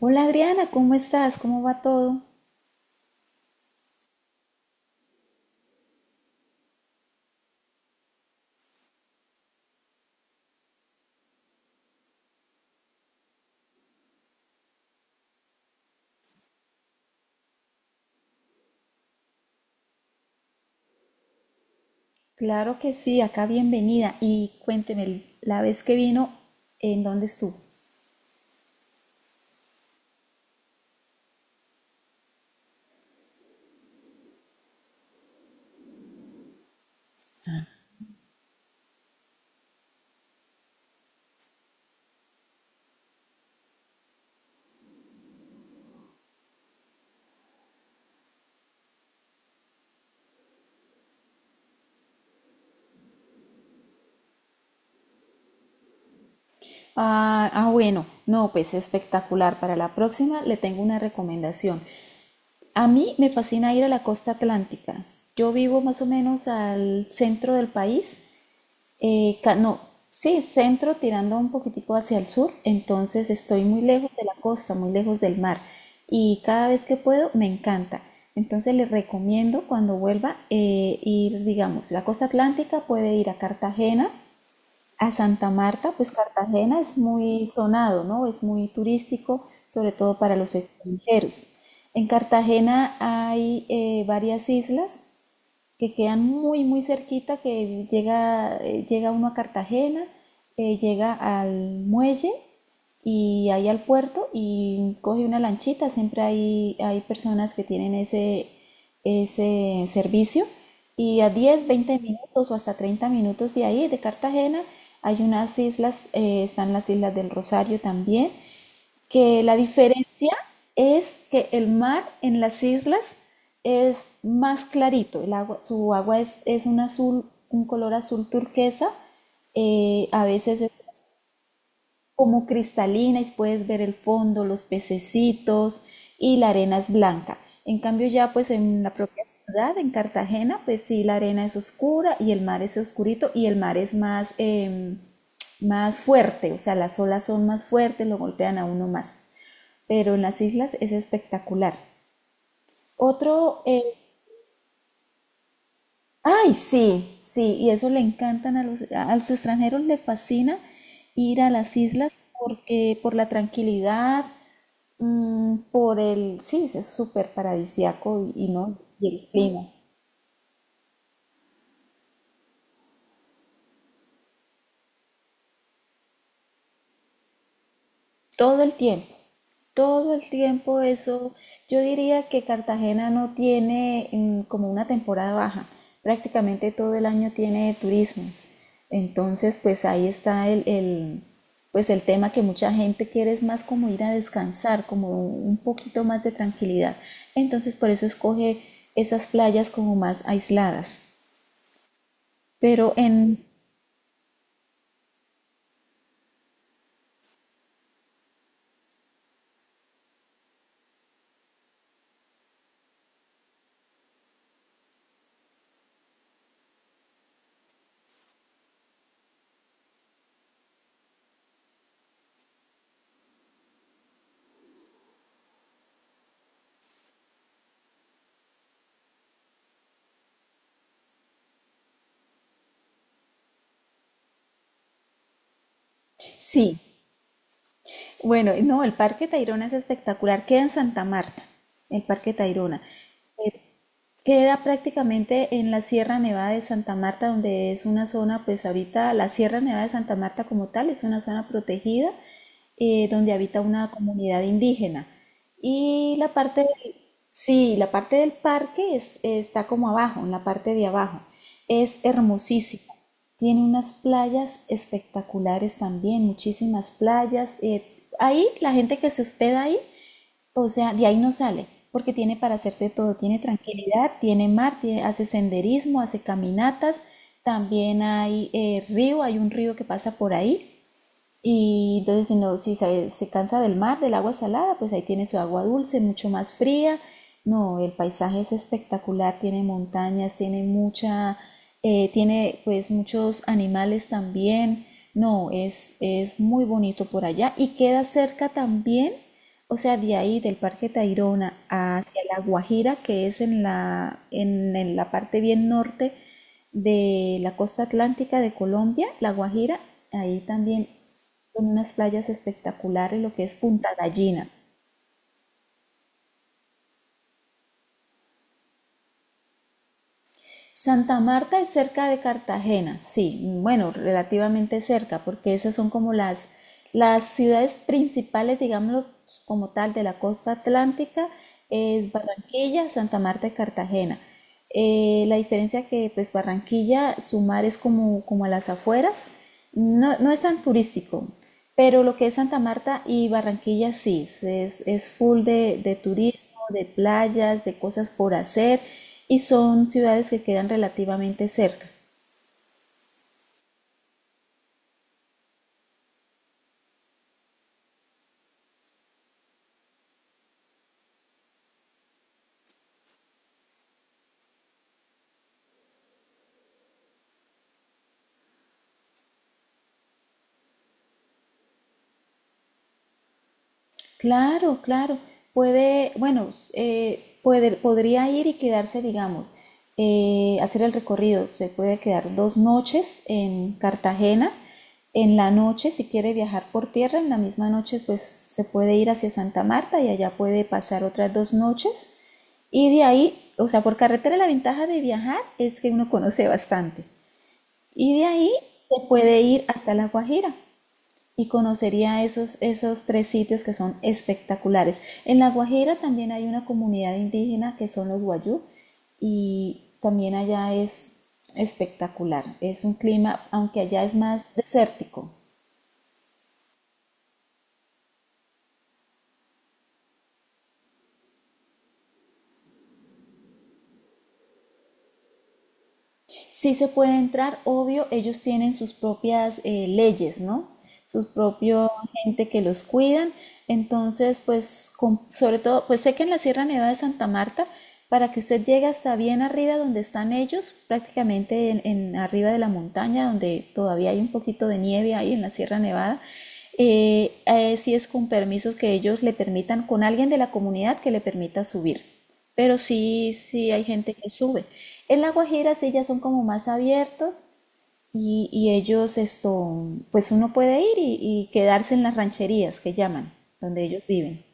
Hola Adriana, ¿cómo estás? ¿Cómo va todo? Claro que sí, acá bienvenida. Y cuénteme, la vez que vino, ¿en dónde estuvo? Ah, ah, bueno, no, pues espectacular. Para la próxima le tengo una recomendación. A mí me fascina ir a la costa atlántica. Yo vivo más o menos al centro del país. No, sí, centro tirando un poquitico hacia el sur, entonces estoy muy lejos de la costa, muy lejos del mar, y cada vez que puedo me encanta. Entonces les recomiendo cuando vuelva ir, digamos, la costa atlántica, puede ir a Cartagena, a Santa Marta. Pues Cartagena es muy sonado, ¿no? Es muy turístico, sobre todo para los extranjeros. En Cartagena hay varias islas que quedan muy, muy cerquita, que llega, llega uno a Cartagena, llega al muelle y ahí al puerto, y coge una lanchita. Siempre hay personas que tienen ese servicio. Y a 10 20 minutos o hasta 30 minutos de ahí, de Cartagena, hay unas islas. Están las Islas del Rosario también, que la diferencia es que el mar en las islas es más clarito. El agua, su agua es un azul, un color azul turquesa. A veces es como cristalina y puedes ver el fondo, los pececitos, y la arena es blanca. En cambio, ya pues en la propia ciudad, en Cartagena, pues sí, la arena es oscura y el mar es oscurito, y el mar es más fuerte. O sea, las olas son más fuertes, lo golpean a uno más. Pero en las islas es espectacular. Otro, eh, Ay, sí, sí, y eso le encantan a los extranjeros, le fascina ir a las islas, porque por la tranquilidad. Por el, sí, es súper paradisiaco y no, y el clima. Todo el tiempo, todo el tiempo eso. Yo diría que Cartagena no tiene como una temporada baja. Prácticamente todo el año tiene turismo. Entonces, pues ahí está pues el tema que mucha gente quiere es más como ir a descansar, como un poquito más de tranquilidad. Entonces, por eso escoge esas playas como más aisladas. Pero en sí, bueno, no, el Parque Tayrona es espectacular, queda en Santa Marta, el Parque Tayrona. Eh, Queda prácticamente en la Sierra Nevada de Santa Marta, donde es una zona. Pues ahorita la Sierra Nevada de Santa Marta como tal es una zona protegida, donde habita una comunidad indígena. Y la parte del, sí, la parte del parque está como abajo, en la parte de abajo. Es hermosísimo. Tiene unas playas espectaculares también, muchísimas playas. Ahí la gente que se hospeda ahí, o sea, de ahí no sale, porque tiene para hacerte todo, tiene tranquilidad, tiene mar, hace senderismo, hace caminatas. También hay un río que pasa por ahí. Y entonces, si, no, si se cansa del mar, del agua salada, pues ahí tiene su agua dulce, mucho más fría. No, el paisaje es espectacular, tiene montañas, tiene pues muchos animales también. No, es muy bonito por allá, y queda cerca también. O sea, de ahí del Parque Tayrona hacia La Guajira, que es en en la parte bien norte de la costa atlántica de Colombia, La Guajira, ahí también con unas playas espectaculares, lo que es Punta Gallinas. Santa Marta es cerca de Cartagena, sí, bueno, relativamente cerca, porque esas son como las ciudades principales, digámoslo como tal, de la costa atlántica, es Barranquilla, Santa Marta y Cartagena. La diferencia que pues Barranquilla, su mar es como a las afueras, no, no es tan turístico. Pero lo que es Santa Marta y Barranquilla sí, es full de turismo, de playas, de cosas por hacer, y son ciudades que quedan relativamente cerca. Claro, claro. Bueno, podría ir y quedarse, digamos, hacer el recorrido. Se puede quedar 2 noches en Cartagena. En la noche, si quiere viajar por tierra, en la misma noche, pues se puede ir hacia Santa Marta, y allá puede pasar otras 2 noches. Y de ahí, o sea, por carretera la ventaja de viajar es que uno conoce bastante. Y de ahí se puede ir hasta La Guajira y conocería esos tres sitios que son espectaculares. En La Guajira también hay una comunidad indígena que son los guayú, y también allá es espectacular. Es un clima, aunque allá es más desértico. Sí se puede entrar, obvio, ellos tienen sus propias leyes, ¿no? Sus propios gente que los cuidan. Entonces, pues, sobre todo, pues sé que en la Sierra Nevada de Santa Marta, para que usted llegue hasta bien arriba donde están ellos, prácticamente en, arriba de la montaña, donde todavía hay un poquito de nieve ahí en la Sierra Nevada, sí es con permisos que ellos le permitan, con alguien de la comunidad que le permita subir. Pero sí, sí hay gente que sube. En La Guajira sí ya son como más abiertos, y ellos esto, pues uno puede ir y quedarse en las rancherías que llaman, donde ellos viven.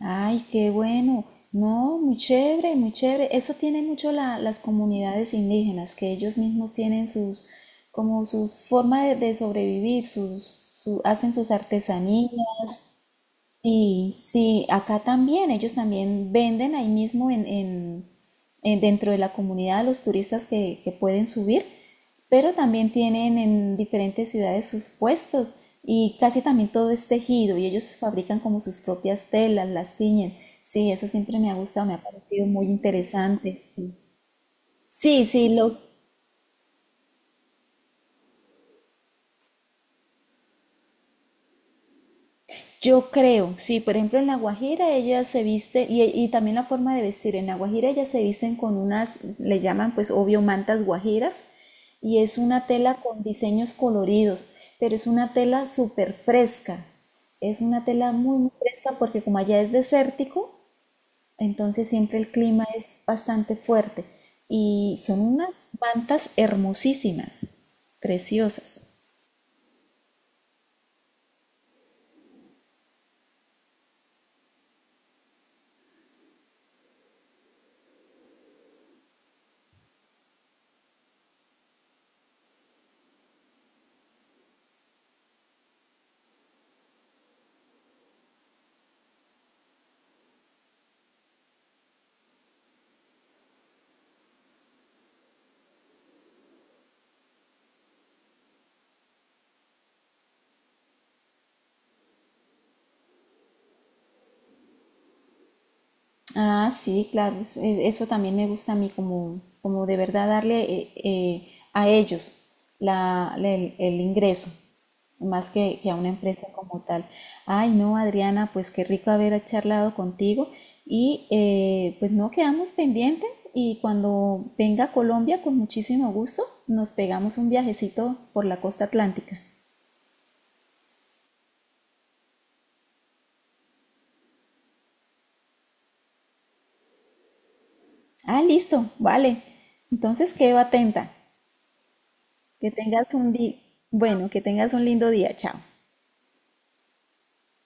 Ay, qué bueno. No, muy chévere, muy chévere. Eso tiene mucho las comunidades indígenas, que ellos mismos tienen sus, como sus forma de sobrevivir, hacen sus artesanías. Sí, sí, acá también, ellos también venden ahí mismo en, dentro de la comunidad, a los turistas que pueden subir, pero también tienen en diferentes ciudades sus puestos, y casi también todo es tejido, y ellos fabrican como sus propias telas, las tiñen. Sí, eso siempre me ha gustado, me ha parecido muy interesante. Sí, sí, sí, los. Yo creo, sí, por ejemplo en La Guajira ella se viste, y también la forma de vestir, en La Guajira ellas se visten con unas, le llaman pues obvio mantas guajiras, y es una tela con diseños coloridos, pero es una tela súper fresca, es una tela muy, muy fresca, porque como allá es desértico, entonces siempre el clima es bastante fuerte, y son unas mantas hermosísimas, preciosas. Ah, sí, claro, eso también me gusta a mí, como, como de verdad darle a ellos el ingreso, más que a una empresa como tal. Ay, no, Adriana, pues qué rico haber charlado contigo, y pues no quedamos pendientes, y cuando venga a Colombia, con muchísimo gusto, nos pegamos un viajecito por la costa atlántica. Ah, listo, vale. Entonces quedo atenta. Que tengas bueno, que tengas un lindo día. Chao.